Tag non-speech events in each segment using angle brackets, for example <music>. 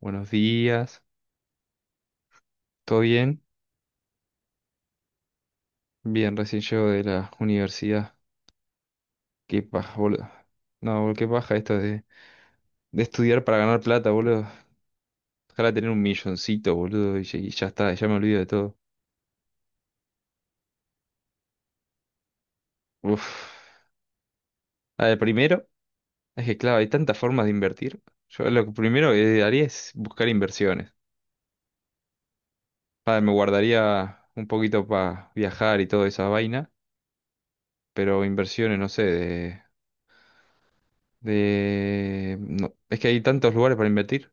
Buenos días, ¿todo bien? Bien, recién llego de la universidad. Qué paja, boludo. No, boludo, qué paja esto de estudiar para ganar plata, boludo. Ojalá tener un milloncito, boludo, y ya está, ya me olvido de todo. Uf. A ver, primero, es que claro, hay tantas formas de invertir. Yo lo que primero que haría es buscar inversiones. A ver, me guardaría un poquito para viajar y toda esa vaina, pero inversiones, no sé, no, es que hay tantos lugares para invertir.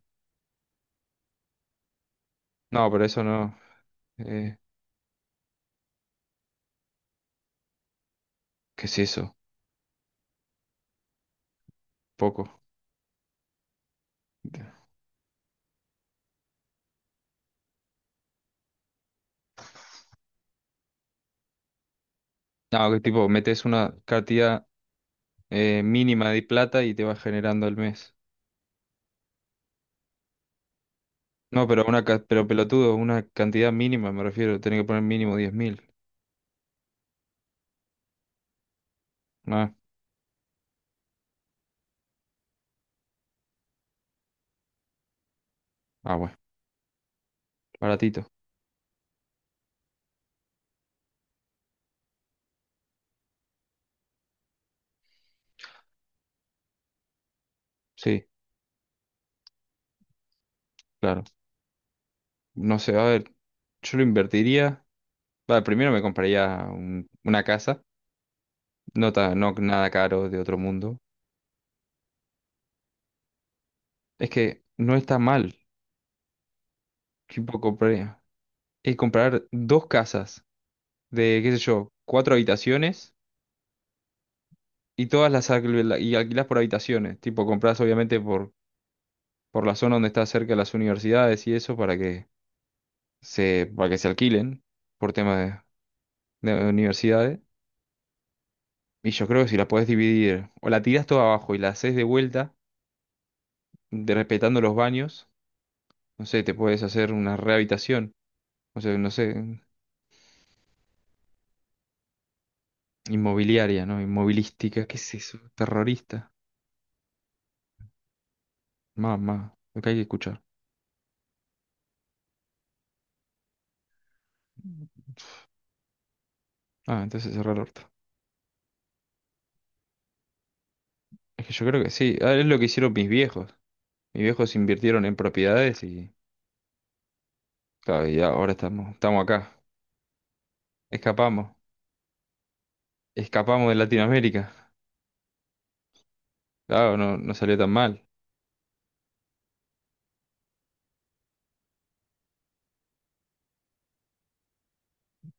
No, pero eso no. Eh, ¿Qué es eso? Poco. No, que tipo, metes una cantidad mínima de plata y te vas generando al mes. No, pero una pero pelotudo, una cantidad mínima, me refiero, tenés que poner mínimo 10.000. Ah, ah, bueno, baratito. Sí, claro. No sé, a ver, yo lo invertiría. Vale, primero me compraría una casa, no, no nada caro de otro mundo. Es que no está mal, tipo, compraría. Y comprar dos casas de, qué sé yo, cuatro habitaciones. Y todas las y alquilás por habitaciones, tipo compras obviamente por la zona donde está cerca las universidades y eso para que para que se alquilen por tema de universidades. Y yo creo que si la podés dividir o la tirás toda abajo y la haces de vuelta, respetando los baños, no sé, te puedes hacer una rehabilitación, o sea, no sé, inmobiliaria, ¿no? Inmovilística, ¿qué es eso? Terrorista. Mamá, lo que hay que escuchar. Ah, entonces cerrar el orto. Es que yo creo que sí, ah, es lo que hicieron mis viejos. Mis viejos invirtieron en propiedades y, claro, y ahora estamos, estamos acá. Escapamos. Escapamos de Latinoamérica. Claro, no, no salió tan mal.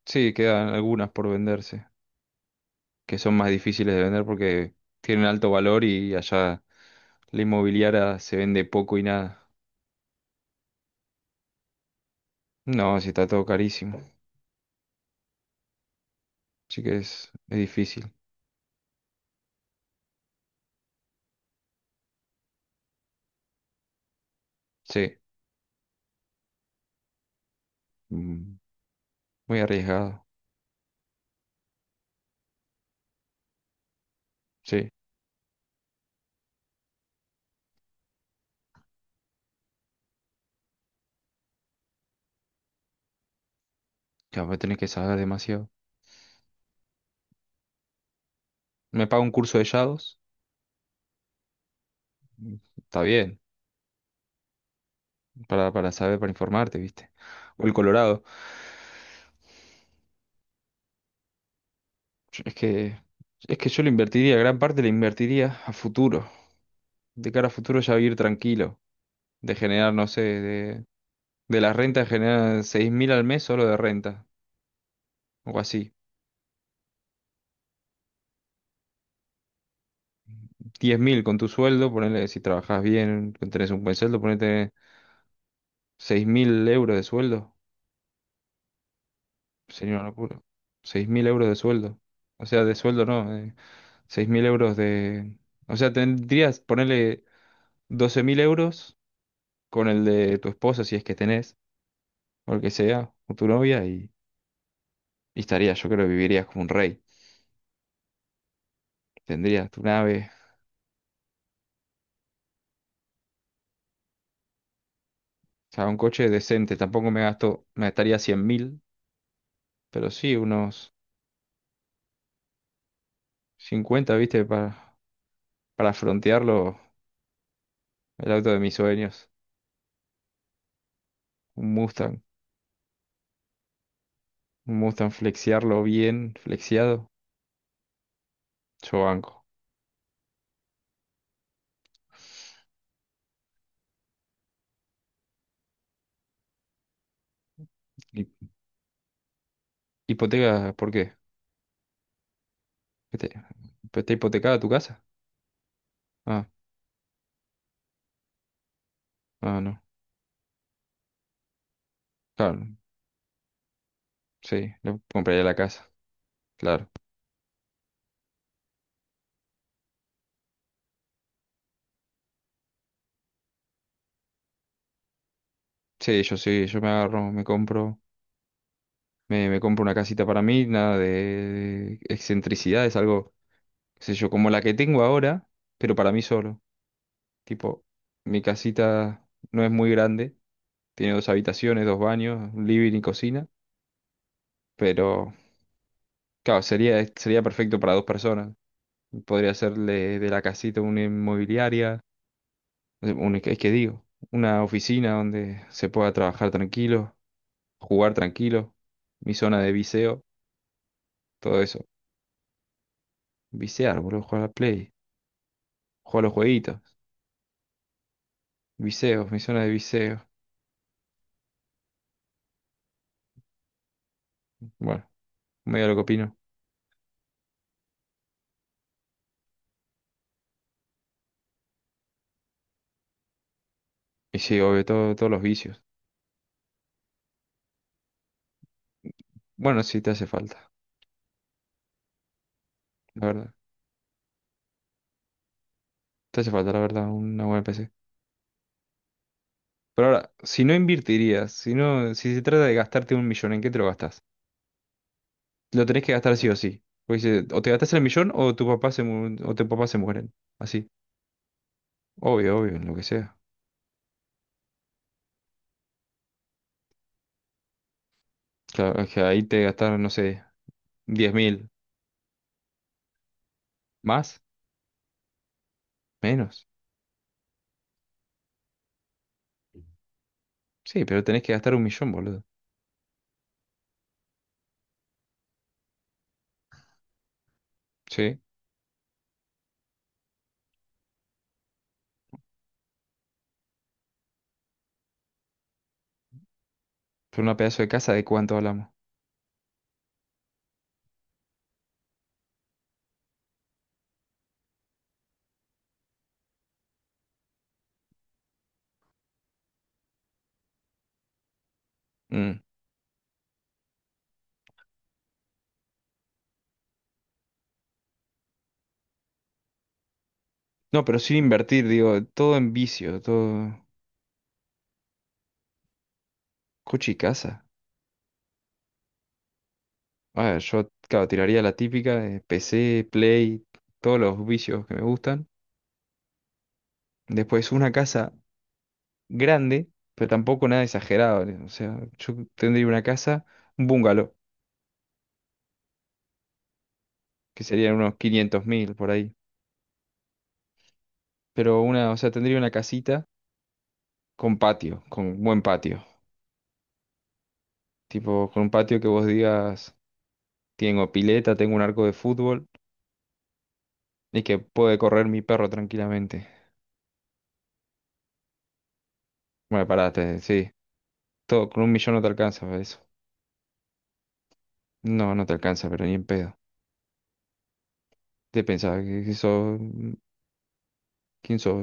Sí, quedan algunas por venderse, que son más difíciles de vender porque tienen alto valor y allá la inmobiliaria se vende poco y nada. No, sí está todo carísimo. Así que es difícil. Sí, mm, muy arriesgado. Sí, claro, tenés que saber demasiado. Me pago un curso de yados. Mm, está bien. Para saber, para informarte, ¿viste? O el Colorado. Es que, es que yo lo invertiría, gran parte la invertiría a futuro. De cara a futuro ya vivir tranquilo. De generar, no sé, de las rentas generar 6.000 al mes solo de renta. O así. 10.000 con tu sueldo, ponele, si trabajas bien, tenés un buen sueldo, ponete 6.000 euros de sueldo. Sería una locura. 6.000 euros de sueldo. O sea, de sueldo no, 6.000 euros o sea, tendrías, ponele 12.000 euros con el de tu esposa, si es que tenés, o el que sea, o tu novia, y estaría, yo creo que vivirías como un rey. Tendrías tu nave, o sea, un coche decente. Tampoco me gasto, me gastaría 100.000, pero sí, unos cincuenta, ¿viste? Para frontearlo, el auto de mis sueños. Un Mustang, un Mustang, flexiarlo bien, flexiado, yo banco. Hi- ¿Hipoteca, por qué? ¿Está está hipotecada tu casa? Ah, ah, no. Claro, sí, le compraría la casa, claro. Sí, yo sí, yo me agarro, me compro una casita para mí, nada de excentricidades, algo, qué sé yo, como la que tengo ahora, pero para mí solo. Tipo, mi casita no es muy grande, tiene dos habitaciones, dos baños, un living y cocina, pero claro, sería, sería perfecto para dos personas. Podría hacerle de la casita una inmobiliaria, es que digo, una oficina donde se pueda trabajar tranquilo, jugar tranquilo, mi zona de viseo, todo eso. Visear, boludo, jugar a la Play. Jugar a los jueguitos. Viseos, misiones de viseos. Bueno, medio lo que opino. Y sí, obvio, todos los vicios. Bueno, sí, te hace falta, la verdad. Te hace falta, la verdad, una buena PC. Pero ahora, si no invertirías, si no, si se trata de gastarte un millón, ¿en qué te lo gastas? Lo tenés que gastar sí o sí. Porque o te gastas el millón o tu o tu papá se mueren. Así. Obvio, obvio, en lo que sea. Claro, es que ahí te gastaron, no sé, 10.000. ¿Más? ¿Menos? Sí, pero tenés que gastar un millón, boludo. Sí. Pero una pedazo de casa, ¿de cuánto hablamos? Mm. No, pero sin invertir, digo, todo en vicio, todo coche y casa. Ah, yo, claro, tiraría la típica de PC, Play, todos los vicios que me gustan. Después una casa grande, pero tampoco nada exagerado, ¿no? O sea, yo tendría una casa, un bungalow, que serían unos 500 mil por ahí. Pero una, o sea, tendría una casita con patio, con buen patio. Tipo, con un patio que vos digas, tengo pileta, tengo un arco de fútbol. Y que puede correr mi perro tranquilamente. Bueno, parate, sí. Todo con un millón no te alcanza para eso. No, no te alcanza, pero ni en pedo. ¿Te pensaba que sos... ¿Quién sos?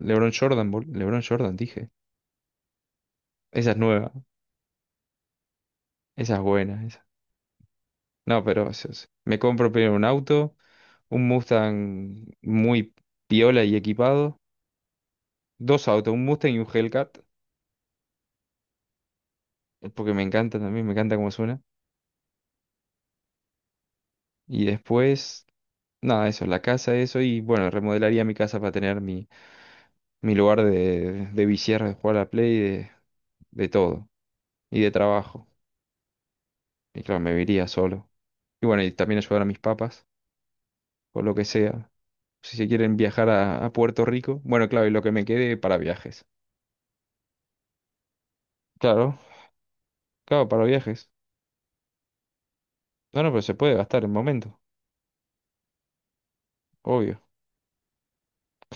LeBron Jordan, LeBron Jordan, dije. Esa es nueva, esa es buena, esa. No, pero me compro primero un auto, un Mustang muy piola y equipado, dos autos, un Mustang y un Hellcat, porque me encanta también, me encanta cómo suena. Y después, nada, eso, la casa, eso, y bueno, remodelaría mi casa para tener mi lugar de viciar, de jugar a la Play, de todo, y de trabajo. Y claro, me viría solo. Y bueno, y también ayudar a mis papas, o lo que sea. Si se quieren viajar a Puerto Rico, bueno, claro, y lo que me quede para viajes. Claro, claro, para viajes. No, no, pero se puede gastar en momento, obvio. <laughs>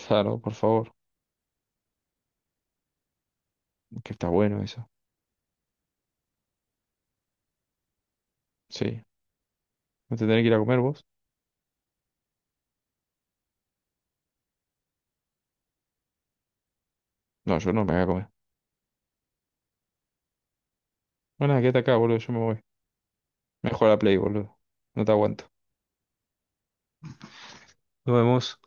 Claro, por favor, que está bueno eso. Sí. ¿No te tenés que ir a comer vos? No, yo no me voy a comer. Bueno, nada, quédate acá, boludo, yo me voy. Me voy a jugar a la Play, boludo. No te aguanto. Nos vemos.